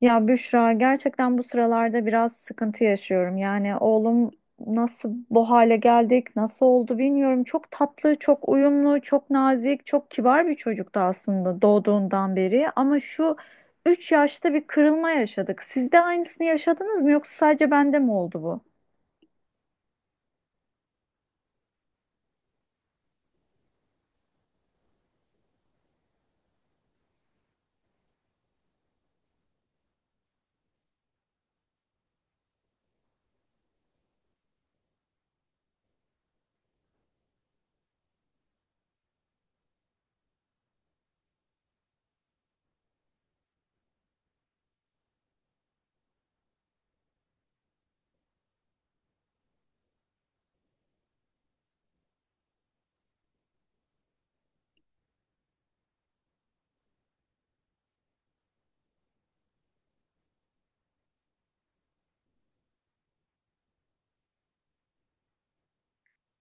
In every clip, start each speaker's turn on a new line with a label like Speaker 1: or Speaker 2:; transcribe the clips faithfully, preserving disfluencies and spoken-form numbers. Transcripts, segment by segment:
Speaker 1: Ya Büşra gerçekten bu sıralarda biraz sıkıntı yaşıyorum. Yani oğlum nasıl bu hale geldik, nasıl oldu bilmiyorum. Çok tatlı, çok uyumlu, çok nazik, çok kibar bir çocuktu aslında doğduğundan beri. Ama şu üç yaşta bir kırılma yaşadık. Siz de aynısını yaşadınız mı yoksa sadece bende mi oldu bu?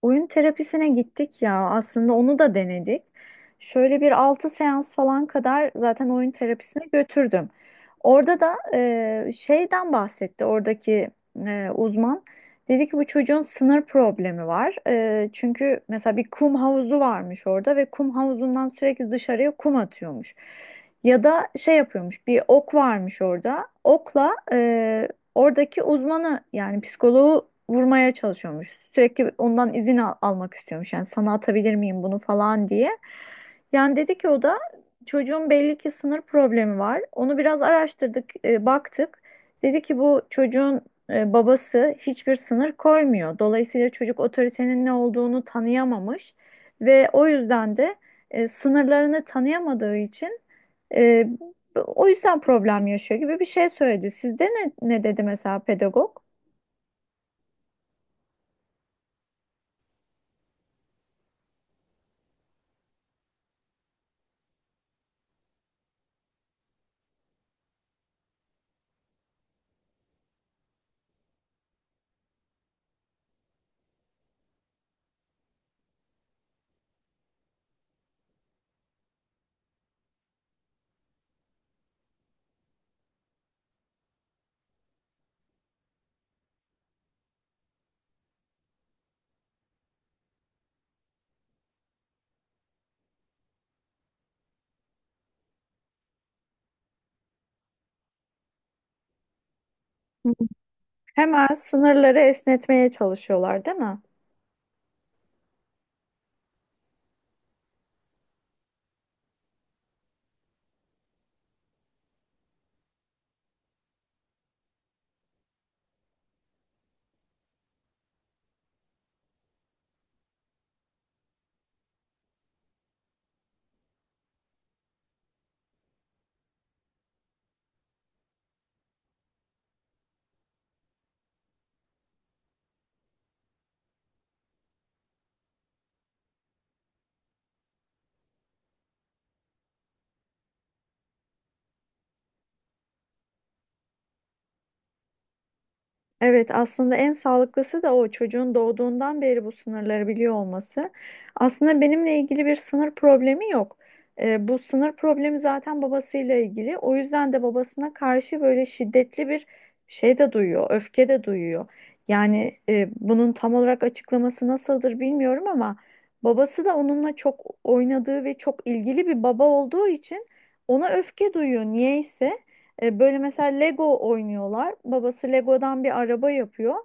Speaker 1: Oyun terapisine gittik ya aslında onu da denedik. Şöyle bir altı seans falan kadar zaten oyun terapisine götürdüm. Orada da e, şeyden bahsetti oradaki e, uzman. Dedi ki bu çocuğun sınır problemi var. E, çünkü mesela bir kum havuzu varmış orada ve kum havuzundan sürekli dışarıya kum atıyormuş. Ya da şey yapıyormuş, bir ok varmış orada. Okla Oradaki uzmanı yani psikoloğu vurmaya çalışıyormuş. Sürekli ondan izin al- almak istiyormuş. Yani sana atabilir miyim bunu falan diye. Yani dedi ki o da çocuğun belli ki sınır problemi var. Onu biraz araştırdık, e, baktık. Dedi ki bu çocuğun e, babası hiçbir sınır koymuyor. Dolayısıyla çocuk otoritenin ne olduğunu tanıyamamış ve o yüzden de e, sınırlarını tanıyamadığı için ee, o yüzden problem yaşıyor gibi bir şey söyledi. Sizde ne, ne dedi mesela pedagog? Hı. Hemen sınırları esnetmeye çalışıyorlar, değil mi? Evet, aslında en sağlıklısı da o çocuğun doğduğundan beri bu sınırları biliyor olması. Aslında benimle ilgili bir sınır problemi yok. Ee, bu sınır problemi zaten babasıyla ilgili. O yüzden de babasına karşı böyle şiddetli bir şey de duyuyor, öfke de duyuyor. Yani e, bunun tam olarak açıklaması nasıldır bilmiyorum ama babası da onunla çok oynadığı ve çok ilgili bir baba olduğu için ona öfke duyuyor niyeyse. E, böyle mesela Lego oynuyorlar. Babası Lego'dan bir araba yapıyor.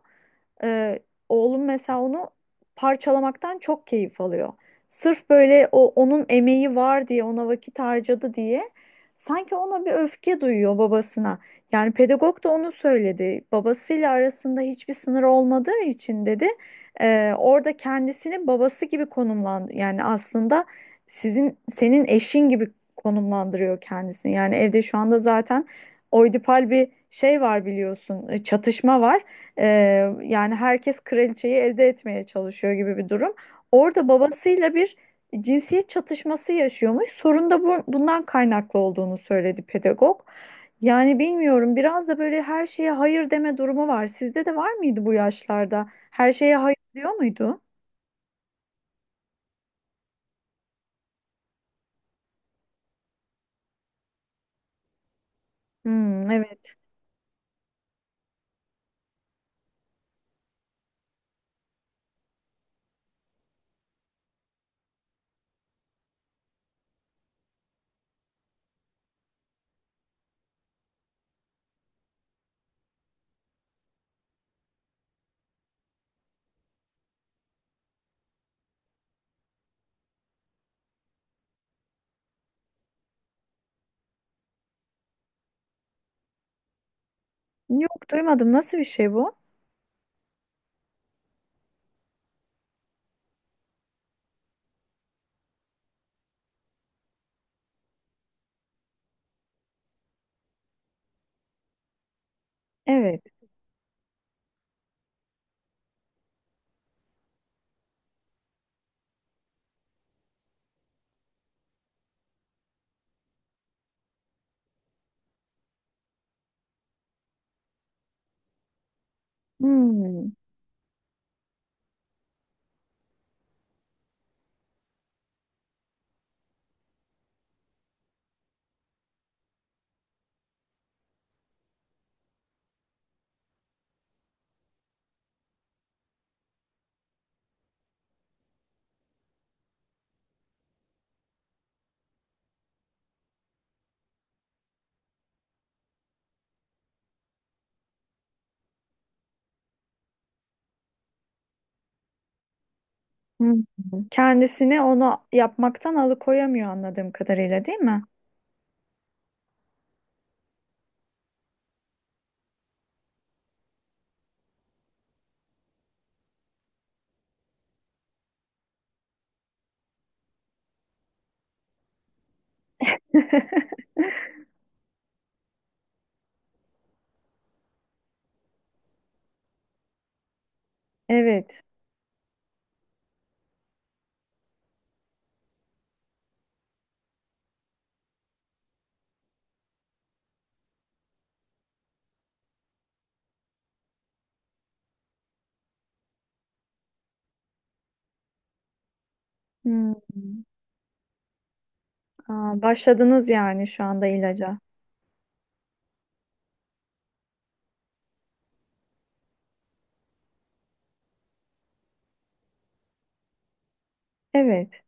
Speaker 1: E, Oğlum mesela onu parçalamaktan çok keyif alıyor. Sırf böyle o onun emeği var diye, ona vakit harcadı diye sanki ona bir öfke duyuyor, babasına. Yani pedagog da onu söyledi. Babasıyla arasında hiçbir sınır olmadığı için dedi, e, orada kendisini babası gibi konumlandı. Yani aslında sizin, senin eşin gibi konumlandırıyor kendisini. Yani evde şu anda zaten oidipal bir şey var biliyorsun, e, çatışma var. Ee, Yani herkes kraliçeyi elde etmeye çalışıyor gibi bir durum. Orada babasıyla bir cinsiyet çatışması yaşıyormuş. Sorun da bu, bundan kaynaklı olduğunu söyledi pedagog. Yani bilmiyorum, biraz da böyle her şeye hayır deme durumu var. Sizde de var mıydı bu yaşlarda? Her şeye hayır diyor muydu? Hmm, evet. Yok, duymadım. Nasıl bir şey bu? Evet. Hmm. Hı. Kendisini onu yapmaktan alıkoyamıyor anladığım kadarıyla, değil mi? Evet. Hmm. Aa, başladınız yani şu anda ilaca. Evet.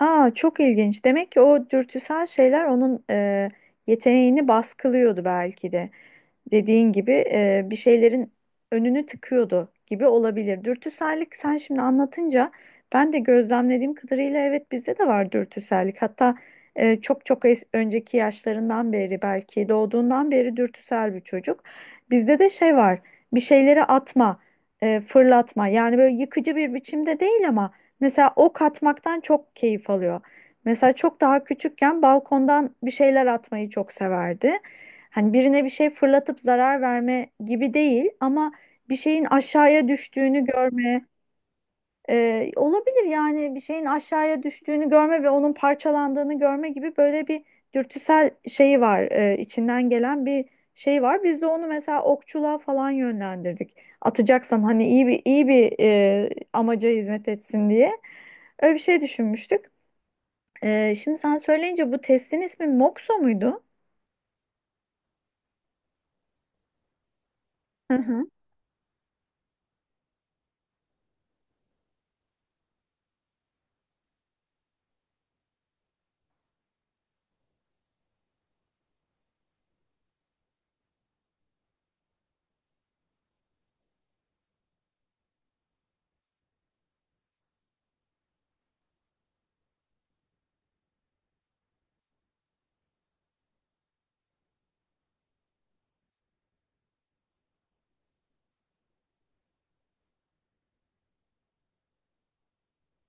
Speaker 1: Aa, çok ilginç. Demek ki o dürtüsel şeyler onun e, yeteneğini baskılıyordu belki de. Dediğin gibi e, bir şeylerin önünü tıkıyordu gibi olabilir. Dürtüsellik, sen şimdi anlatınca ben de gözlemlediğim kadarıyla evet bizde de var dürtüsellik. Hatta e, çok çok es- önceki yaşlarından beri, belki doğduğundan beri dürtüsel bir çocuk. Bizde de şey var, bir şeyleri atma, e, fırlatma, yani böyle yıkıcı bir biçimde değil ama mesela ok atmaktan çok keyif alıyor. Mesela çok daha küçükken balkondan bir şeyler atmayı çok severdi. Hani birine bir şey fırlatıp zarar verme gibi değil ama bir şeyin aşağıya düştüğünü görme, e, olabilir yani, bir şeyin aşağıya düştüğünü görme ve onun parçalandığını görme gibi böyle bir dürtüsel şeyi var, e, içinden gelen bir şey var. Biz de onu mesela okçuluğa falan yönlendirdik. Atacaksan hani iyi bir iyi bir e, amaca hizmet etsin diye. Öyle bir şey düşünmüştük. Ee, şimdi sen söyleyince, bu testin ismi Moxo muydu? Hı hı.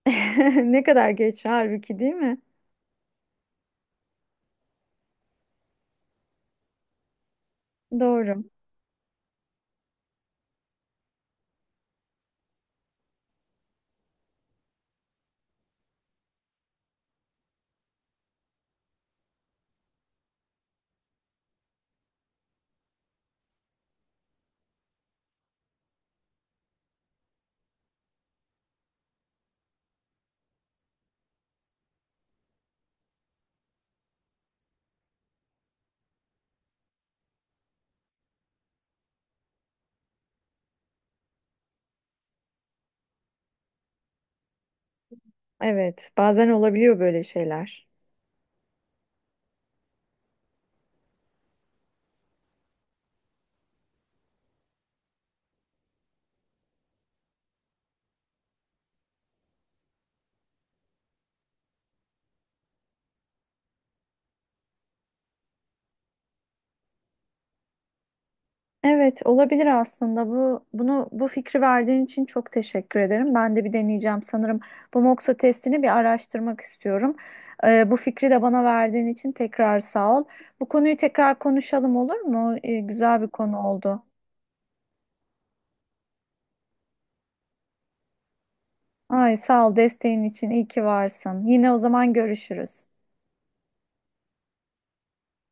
Speaker 1: Ne kadar geç halbuki, değil mi? Doğru. Evet, bazen olabiliyor böyle şeyler. Evet, olabilir aslında. Bu bunu bu fikri verdiğin için çok teşekkür ederim. Ben de bir deneyeceğim sanırım. Bu Moxa testini bir araştırmak istiyorum. Ee, bu fikri de bana verdiğin için tekrar sağ ol. Bu konuyu tekrar konuşalım, olur mu? Ee, güzel bir konu oldu. Ay, sağ ol desteğin için. İyi ki varsın. Yine o zaman görüşürüz.